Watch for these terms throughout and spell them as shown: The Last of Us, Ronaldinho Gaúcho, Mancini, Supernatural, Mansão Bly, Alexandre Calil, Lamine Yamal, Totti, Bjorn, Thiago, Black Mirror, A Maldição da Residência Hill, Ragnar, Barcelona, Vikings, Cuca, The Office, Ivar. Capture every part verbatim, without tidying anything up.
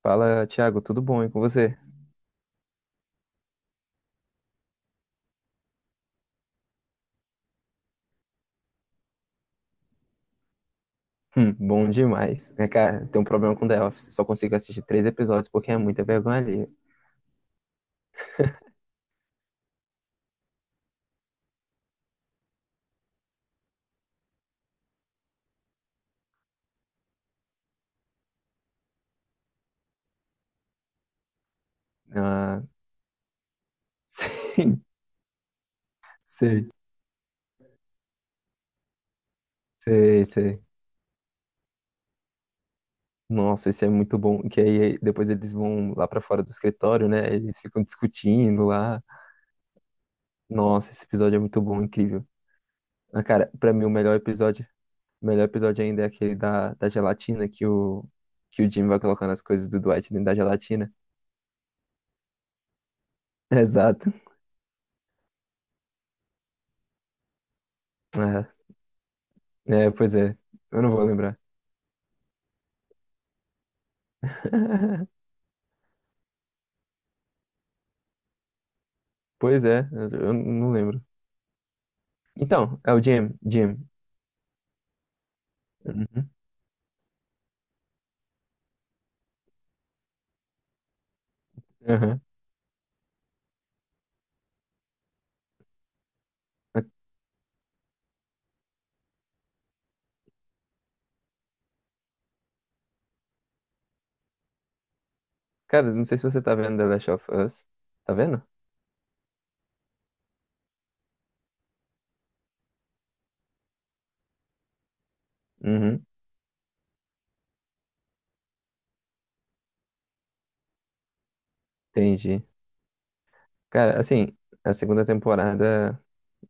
Fala, Thiago, tudo bom? E com você? Hum, bom demais. É, cara, tem um problema com The Office. Só consigo assistir três episódios porque é muita vergonha ali. Ah, sim, sei, sei, sei. Nossa, isso é muito bom. Que aí depois eles vão lá pra fora do escritório, né? Eles ficam discutindo lá. Nossa, esse episódio é muito bom, incrível. Ah, cara, pra mim o melhor episódio, o melhor episódio ainda é aquele da, da gelatina que o, que o Jim vai colocando as coisas do Dwight dentro da gelatina. Exato. Ah, é, pois é. Eu não vou lembrar. Pois é, eu não lembro. Então, é o Jim, Jim. Uhum, aham. Ah, Cara, não sei se você tá vendo The Last of Us. Tá vendo? Uhum, entendi. Cara, assim, a segunda temporada,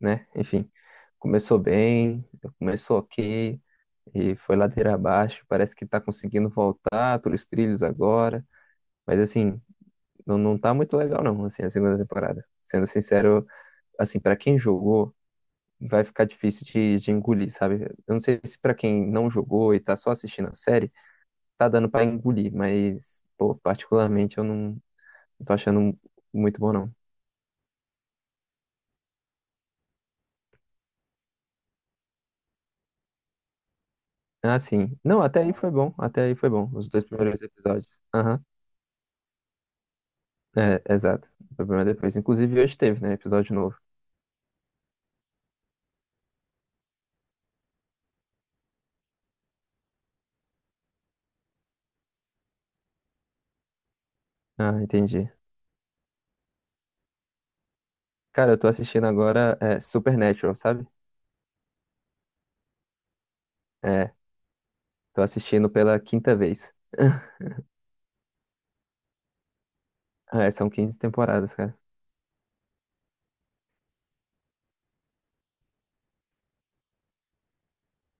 né? Enfim, começou bem, começou ok, e foi ladeira abaixo. Parece que tá conseguindo voltar pelos trilhos agora. Mas, assim, não, não tá muito legal, não, assim, a segunda temporada. Sendo sincero, assim, pra quem jogou. Vai ficar difícil de, de engolir, sabe? Eu não sei se pra quem não jogou e tá só assistindo a série, tá dando pra engolir, mas, pô, particularmente eu não tô achando muito bom, não. Ah, sim. Não, até aí foi bom, até aí foi bom, os dois primeiros episódios. Aham, É, exato. O problema é depois. Inclusive hoje teve, né, episódio novo. Ah, entendi. Cara, eu tô assistindo agora é, Supernatural, sabe? É, tô assistindo pela quinta vez. É, são quinze temporadas, cara.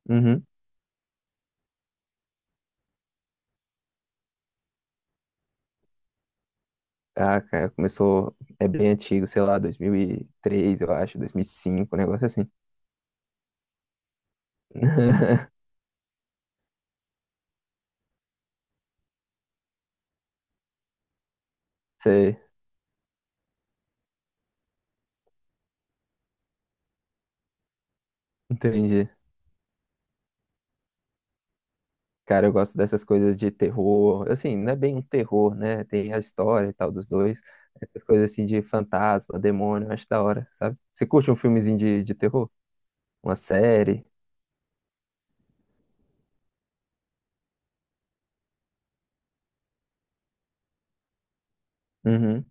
Uhum. Ah, cara, começou. É bem antigo, sei lá, dois mil e três eu acho, dois mil e cinco, um negócio assim. Sei, entendi. Cara, eu gosto dessas coisas de terror. Assim, não é bem um terror, né? Tem a história e tal dos dois. Essas coisas assim de fantasma, demônio, eu acho da hora, sabe? Você curte um filmezinho de, de terror? Uma série? Uhum.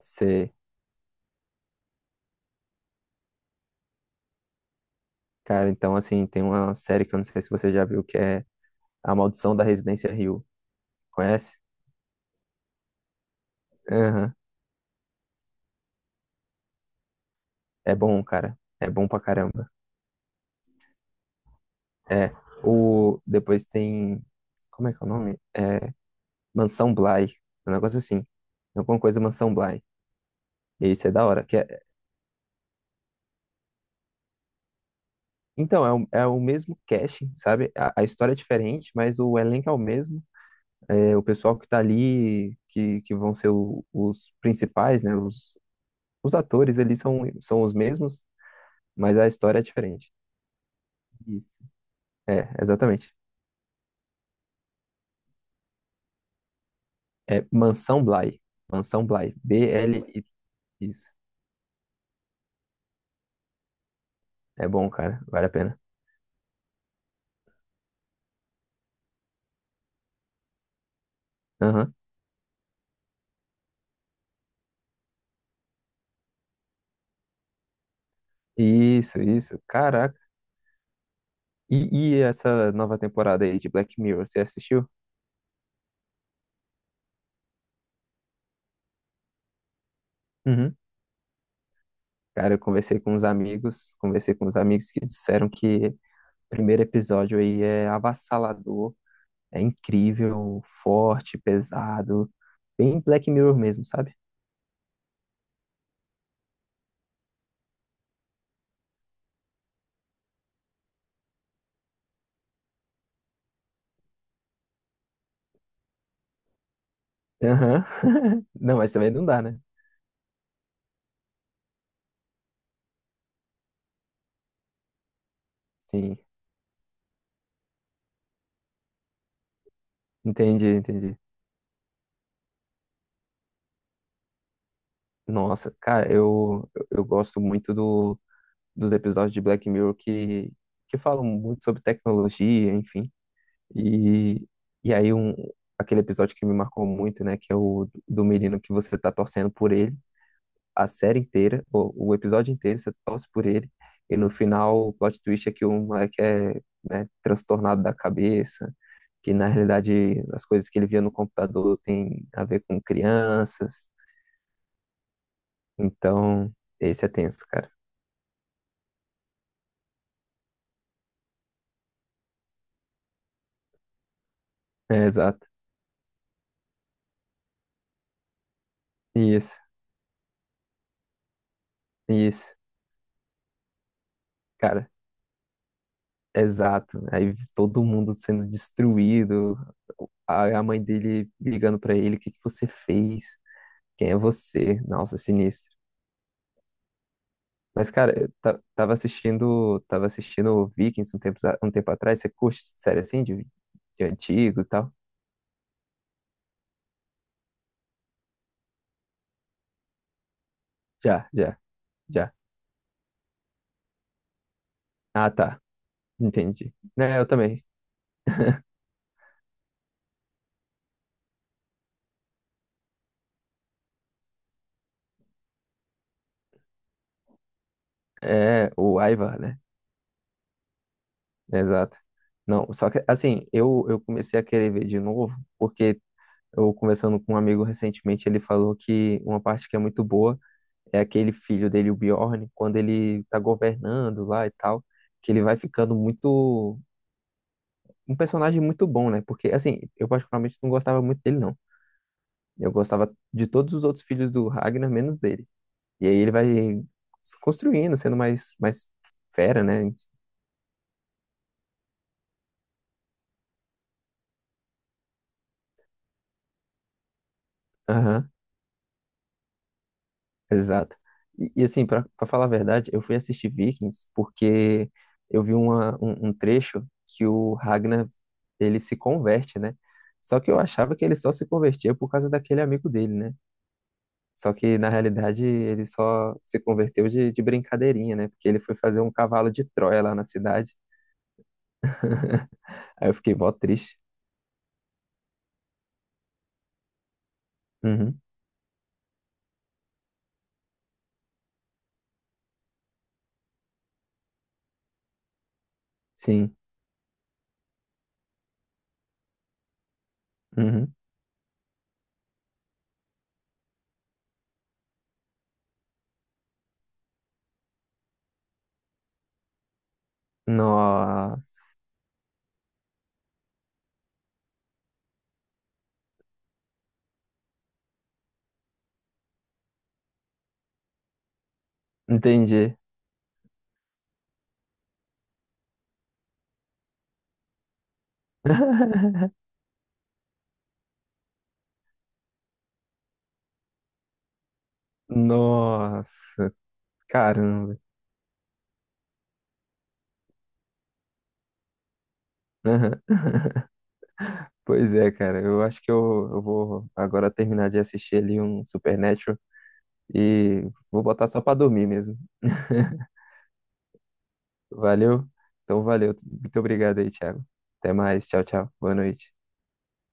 Sei. Cara, então, assim, tem uma série que eu não sei se você já viu, que é A Maldição da Residência Hill. Conhece? Aham. É bom, cara. É bom pra caramba. É, o, depois tem. Como é que é o nome? É, Mansão Bly. Um negócio assim. Alguma coisa Mansão Bly. E isso é da hora. Que é- então, é o, é o mesmo casting, sabe? A, a história é diferente, mas o elenco é o mesmo. É, o pessoal que tá ali, que, que vão ser o- os principais, né? Os, os atores ali são, são os mesmos, mas a história é diferente. Isso. É, exatamente. É Mansão Bly. Mansão Bly. B L Y. Isso. É bom, cara. Vale a pena. Aham. Isso, isso. Caraca. E, e essa nova temporada aí de Black Mirror, você assistiu? Uhum. Cara, eu conversei com uns amigos, conversei com uns amigos que disseram que o primeiro episódio aí é avassalador, é incrível, forte, pesado, bem Black Mirror mesmo, sabe? Aham. Não, mas também não dá, né? Sim, entendi, entendi. Nossa, cara, eu, eu eu gosto muito do, dos episódios de Black Mirror que, que falam muito sobre tecnologia, enfim. E, e aí um, aquele episódio que me marcou muito, né, que é o do menino que você tá torcendo por ele a série inteira, o, o episódio inteiro você torce por ele, e no final o plot twist é que o moleque é, né, transtornado da cabeça, que na realidade as coisas que ele via no computador tem a ver com crianças. Então, esse é tenso, cara. É, exato. Isso, isso, cara. Exato. Aí todo mundo sendo destruído, a a mãe dele ligando pra ele, o que que você fez? Quem é você? Nossa, sinistro. Mas, cara, eu ta- tava assistindo, tava assistindo Vikings um tempo, um tempo atrás. Você curte série assim, de, de antigo e tal? Já, já, já. Ah, tá. Entendi. Né, eu também. É, o Ivar, né? Exato. Não, só que, assim, eu, eu comecei a querer ver de novo, porque eu, conversando com um amigo recentemente, ele falou que uma parte que é muito boa é aquele filho dele, o Bjorn, quando ele tá governando lá e tal, que ele vai ficando muito. Um personagem muito bom, né? Porque, assim, eu particularmente não gostava muito dele, não. Eu gostava de todos os outros filhos do Ragnar, menos dele. E aí ele vai se construindo, sendo mais, mais fera, né? Aham, exato. E, e, assim, pra, pra falar a verdade, eu fui assistir Vikings porque eu vi uma, um, um trecho que o Ragnar ele se converte, né? Só que eu achava que ele só se convertia por causa daquele amigo dele, né? Só que na realidade ele só se converteu de, de brincadeirinha, né? Porque ele foi fazer um cavalo de Troia lá na cidade. Aí eu fiquei mó triste. Uhum, sim. Uhum. Nossa, entendi. Nossa, caramba. Aham. Pois é, cara. Eu acho que eu, eu vou agora terminar de assistir ali um Supernatural e vou botar só pra dormir mesmo. Valeu? Então, valeu. Muito obrigado aí, Thiago. Até mais. Tchau, tchau. Boa noite.